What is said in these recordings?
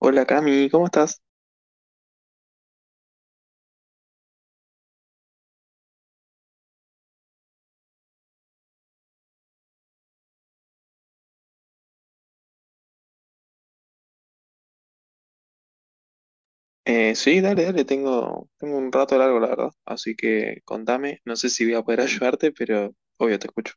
Hola Cami, ¿cómo estás? Sí, dale, dale, tengo un rato largo, la verdad. Así que contame, no sé si voy a poder ayudarte, pero obvio te escucho.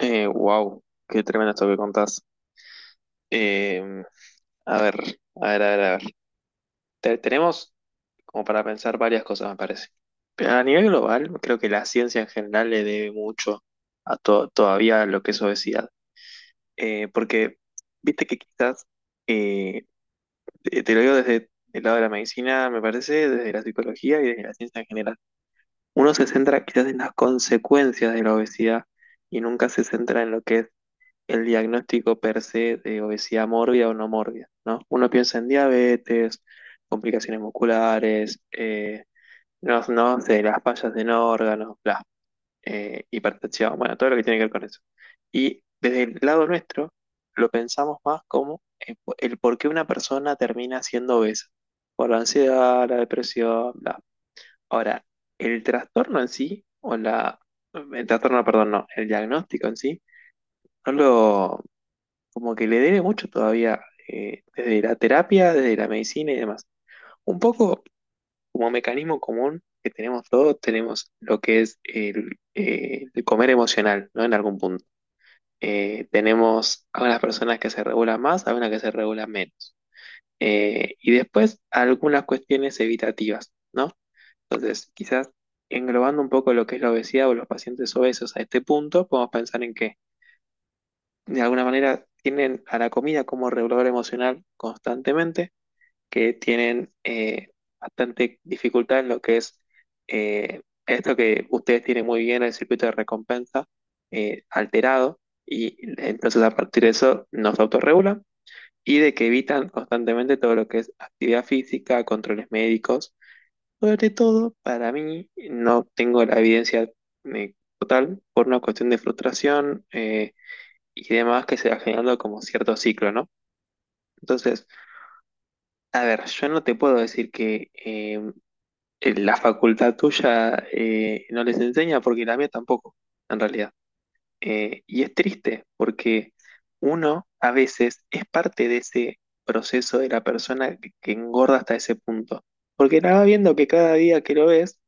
Wow, qué tremendo esto que contás. Eh, a ver, a ver. Tenemos como para pensar varias cosas, me parece. Pero a nivel global, creo que la ciencia en general le debe mucho a todavía lo que es obesidad. Porque, viste que quizás eh, te lo digo desde el lado de la medicina, me parece, desde la psicología y desde la ciencia en general. Uno se centra quizás en las consecuencias de la obesidad y nunca se centra en lo que es el diagnóstico per se de obesidad mórbida o no mórbida, ¿no? Uno piensa en diabetes, complicaciones musculares, no, no sé, las fallas en órganos, bla y hipertensión, bueno, todo lo que tiene que ver con eso. Y desde el lado nuestro, lo pensamos más como el por qué una persona termina siendo obesa, por la ansiedad, la depresión, bla. Ahora, el trastorno en sí, o la, el trastorno, perdón, no, el diagnóstico en sí, no lo, como que le debe mucho todavía, desde la terapia, desde la medicina y demás. Un poco como mecanismo común que tenemos todos, tenemos lo que es el comer emocional, ¿no? En algún punto. Tenemos algunas personas que se regulan más, algunas que se regulan menos. Y después algunas cuestiones evitativas, ¿no? Entonces, quizás englobando un poco lo que es la obesidad o los pacientes obesos a este punto, podemos pensar en que de alguna manera tienen a la comida como regulador emocional constantemente, que tienen bastante dificultad en lo que es esto que ustedes tienen muy bien, el circuito de recompensa alterado, y entonces a partir de eso nos autorregulan, y de que evitan constantemente todo lo que es actividad física, controles médicos, sobre todo, para mí, no tengo la evidencia total, por una cuestión de frustración y demás, que se va generando como cierto ciclo, ¿no? Entonces, a ver, yo no te puedo decir que la facultad tuya no les enseña, porque la mía tampoco, en realidad. Y es triste porque uno a veces es parte de ese proceso de la persona que engorda hasta ese punto. Porque la va viendo que cada día que lo ves,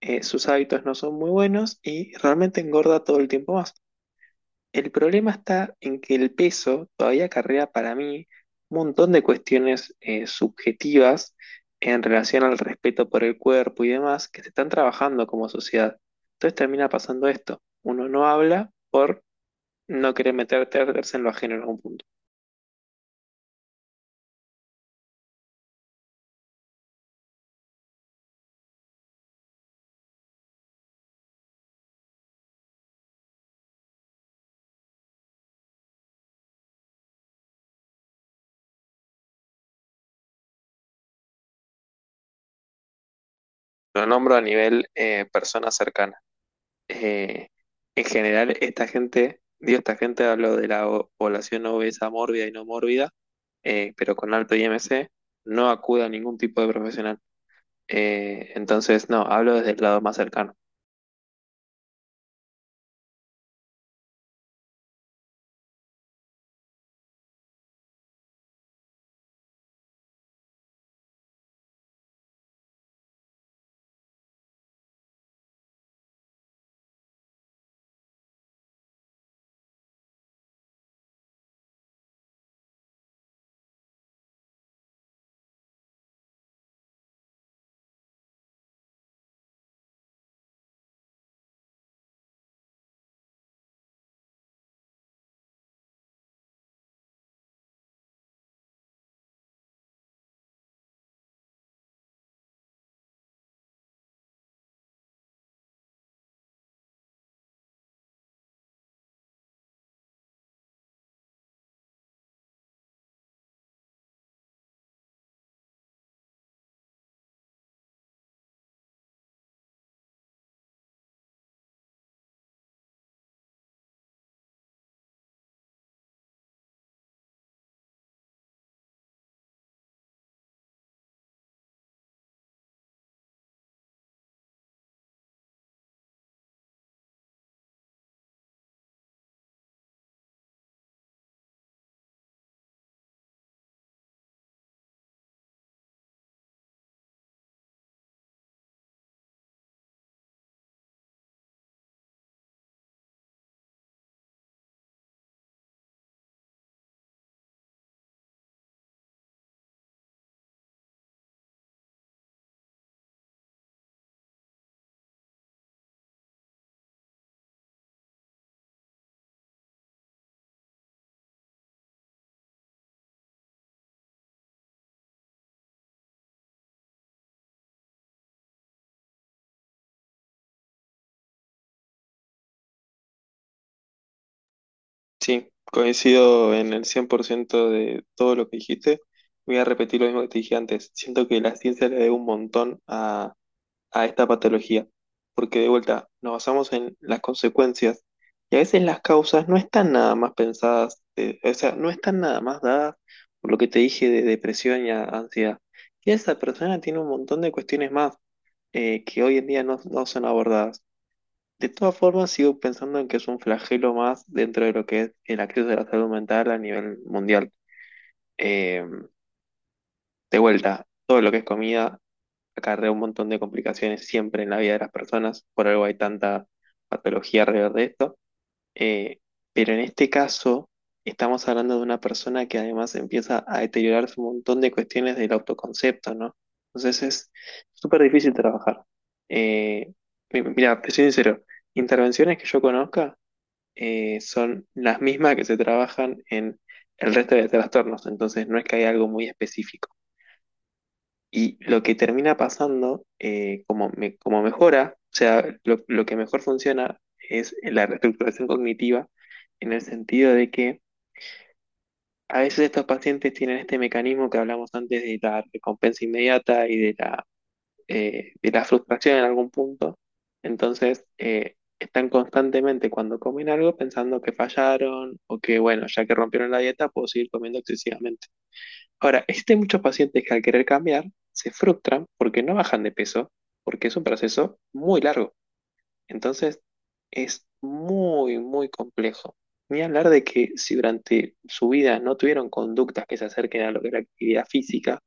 sus hábitos no son muy buenos y realmente engorda todo el tiempo más. El problema está en que el peso todavía acarrea, para mí, un montón de cuestiones subjetivas en relación al respeto por el cuerpo y demás, que se están trabajando como sociedad. Entonces termina pasando esto. Uno no habla por no querer meterse en lo ajeno en algún punto. Lo nombro a nivel persona cercana. eh, en general, esta gente, digo, esta gente, hablo de la población obesa mórbida y no mórbida, pero con alto IMC, no acude a ningún tipo de profesional. Entonces, no, hablo desde el lado más cercano. Sí, coincido en el 100% de todo lo que dijiste. Voy a repetir lo mismo que te dije antes. Siento que la ciencia le debe un montón a esta patología, porque de vuelta nos basamos en las consecuencias, y a veces las causas no están nada más pensadas, o sea, no están nada más dadas por lo que te dije de depresión y ansiedad. Y esa persona tiene un montón de cuestiones más que hoy en día no, no son abordadas. De todas formas, sigo pensando en que es un flagelo más dentro de lo que es el acceso a la salud mental a nivel mundial. Eh, de vuelta, todo lo que es comida acarrea un montón de complicaciones siempre en la vida de las personas, por algo hay tanta patología alrededor de esto. Eh, pero en este caso, estamos hablando de una persona que además empieza a deteriorarse un montón de cuestiones del autoconcepto, ¿no? Entonces es súper difícil trabajar. Eh, Mira, te soy sincero, intervenciones que yo conozca son las mismas que se trabajan en el resto de trastornos, entonces no es que haya algo muy específico. Y lo que termina pasando, como mejora, o sea, lo que mejor funciona es la reestructuración cognitiva, en el sentido de que a veces estos pacientes tienen este mecanismo que hablamos antes, de la recompensa inmediata y de la frustración en algún punto. Entonces, están constantemente cuando comen algo pensando que fallaron, o que, bueno, ya que rompieron la dieta, puedo seguir comiendo excesivamente. Ahora, existen muchos pacientes que al querer cambiar se frustran porque no bajan de peso, porque es un proceso muy largo. Entonces, es muy, muy complejo. Ni hablar de que si durante su vida no tuvieron conductas que se acerquen a lo que es la actividad física,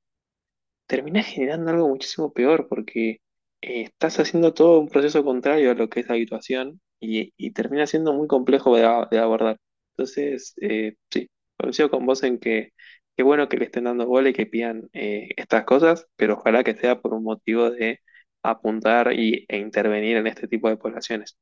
terminás generando algo muchísimo peor, porque estás haciendo todo un proceso contrario a lo que es la habituación, y termina siendo muy complejo de abordar. Entonces, sí, coincido con vos en que qué bueno que le estén dando bola y que pidan estas cosas, pero ojalá que sea por un motivo de apuntar y, e intervenir en este tipo de poblaciones.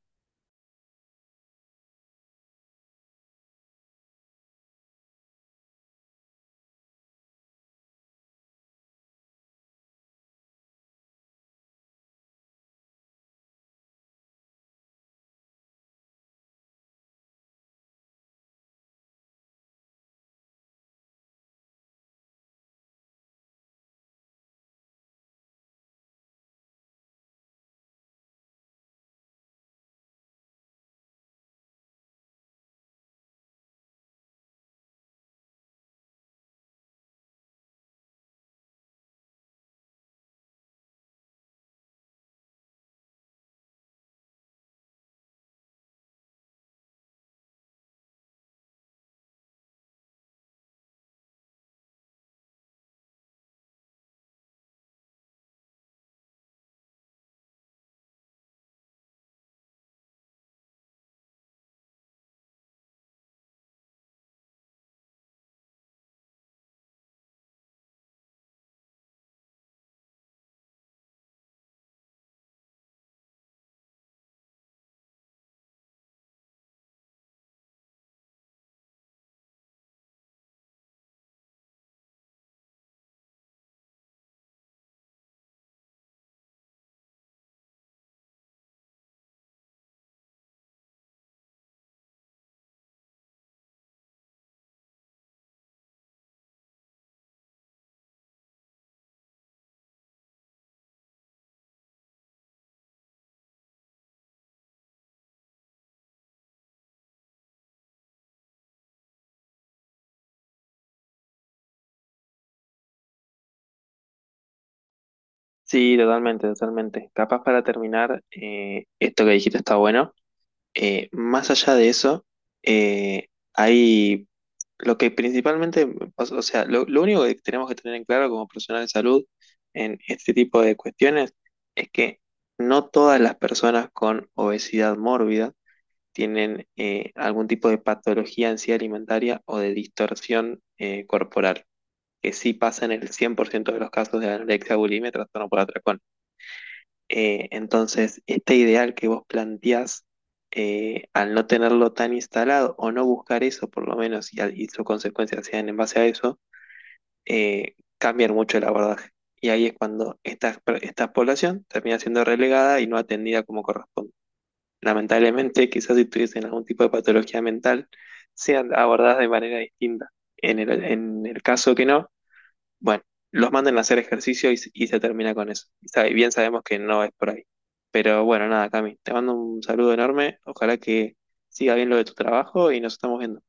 Sí, totalmente, totalmente. Capaz para terminar, esto que dijiste está bueno. Más allá de eso, eh, hay lo que principalmente, o sea, lo único que tenemos que tener en claro como profesional de salud en este tipo de cuestiones es que no todas las personas con obesidad mórbida tienen algún tipo de patología en sí alimentaria o de distorsión corporal, que sí pasa en el 100% de los casos de anorexia, bulimia, trastorno por atracón. Entonces, este ideal que vos planteás, al no tenerlo tan instalado o no buscar eso, por lo menos, y, y sus consecuencias sean en base a eso, cambian mucho el abordaje. Y ahí es cuando esta población termina siendo relegada y no atendida como corresponde. Lamentablemente, quizás si tuviesen algún tipo de patología mental, sean abordadas de manera distinta. En el caso que no, bueno, los mandan a hacer ejercicio, y se termina con eso. Y bien sabemos que no es por ahí. Pero bueno, nada, Cami, te mando un saludo enorme. Ojalá que siga bien lo de tu trabajo y nos estamos viendo.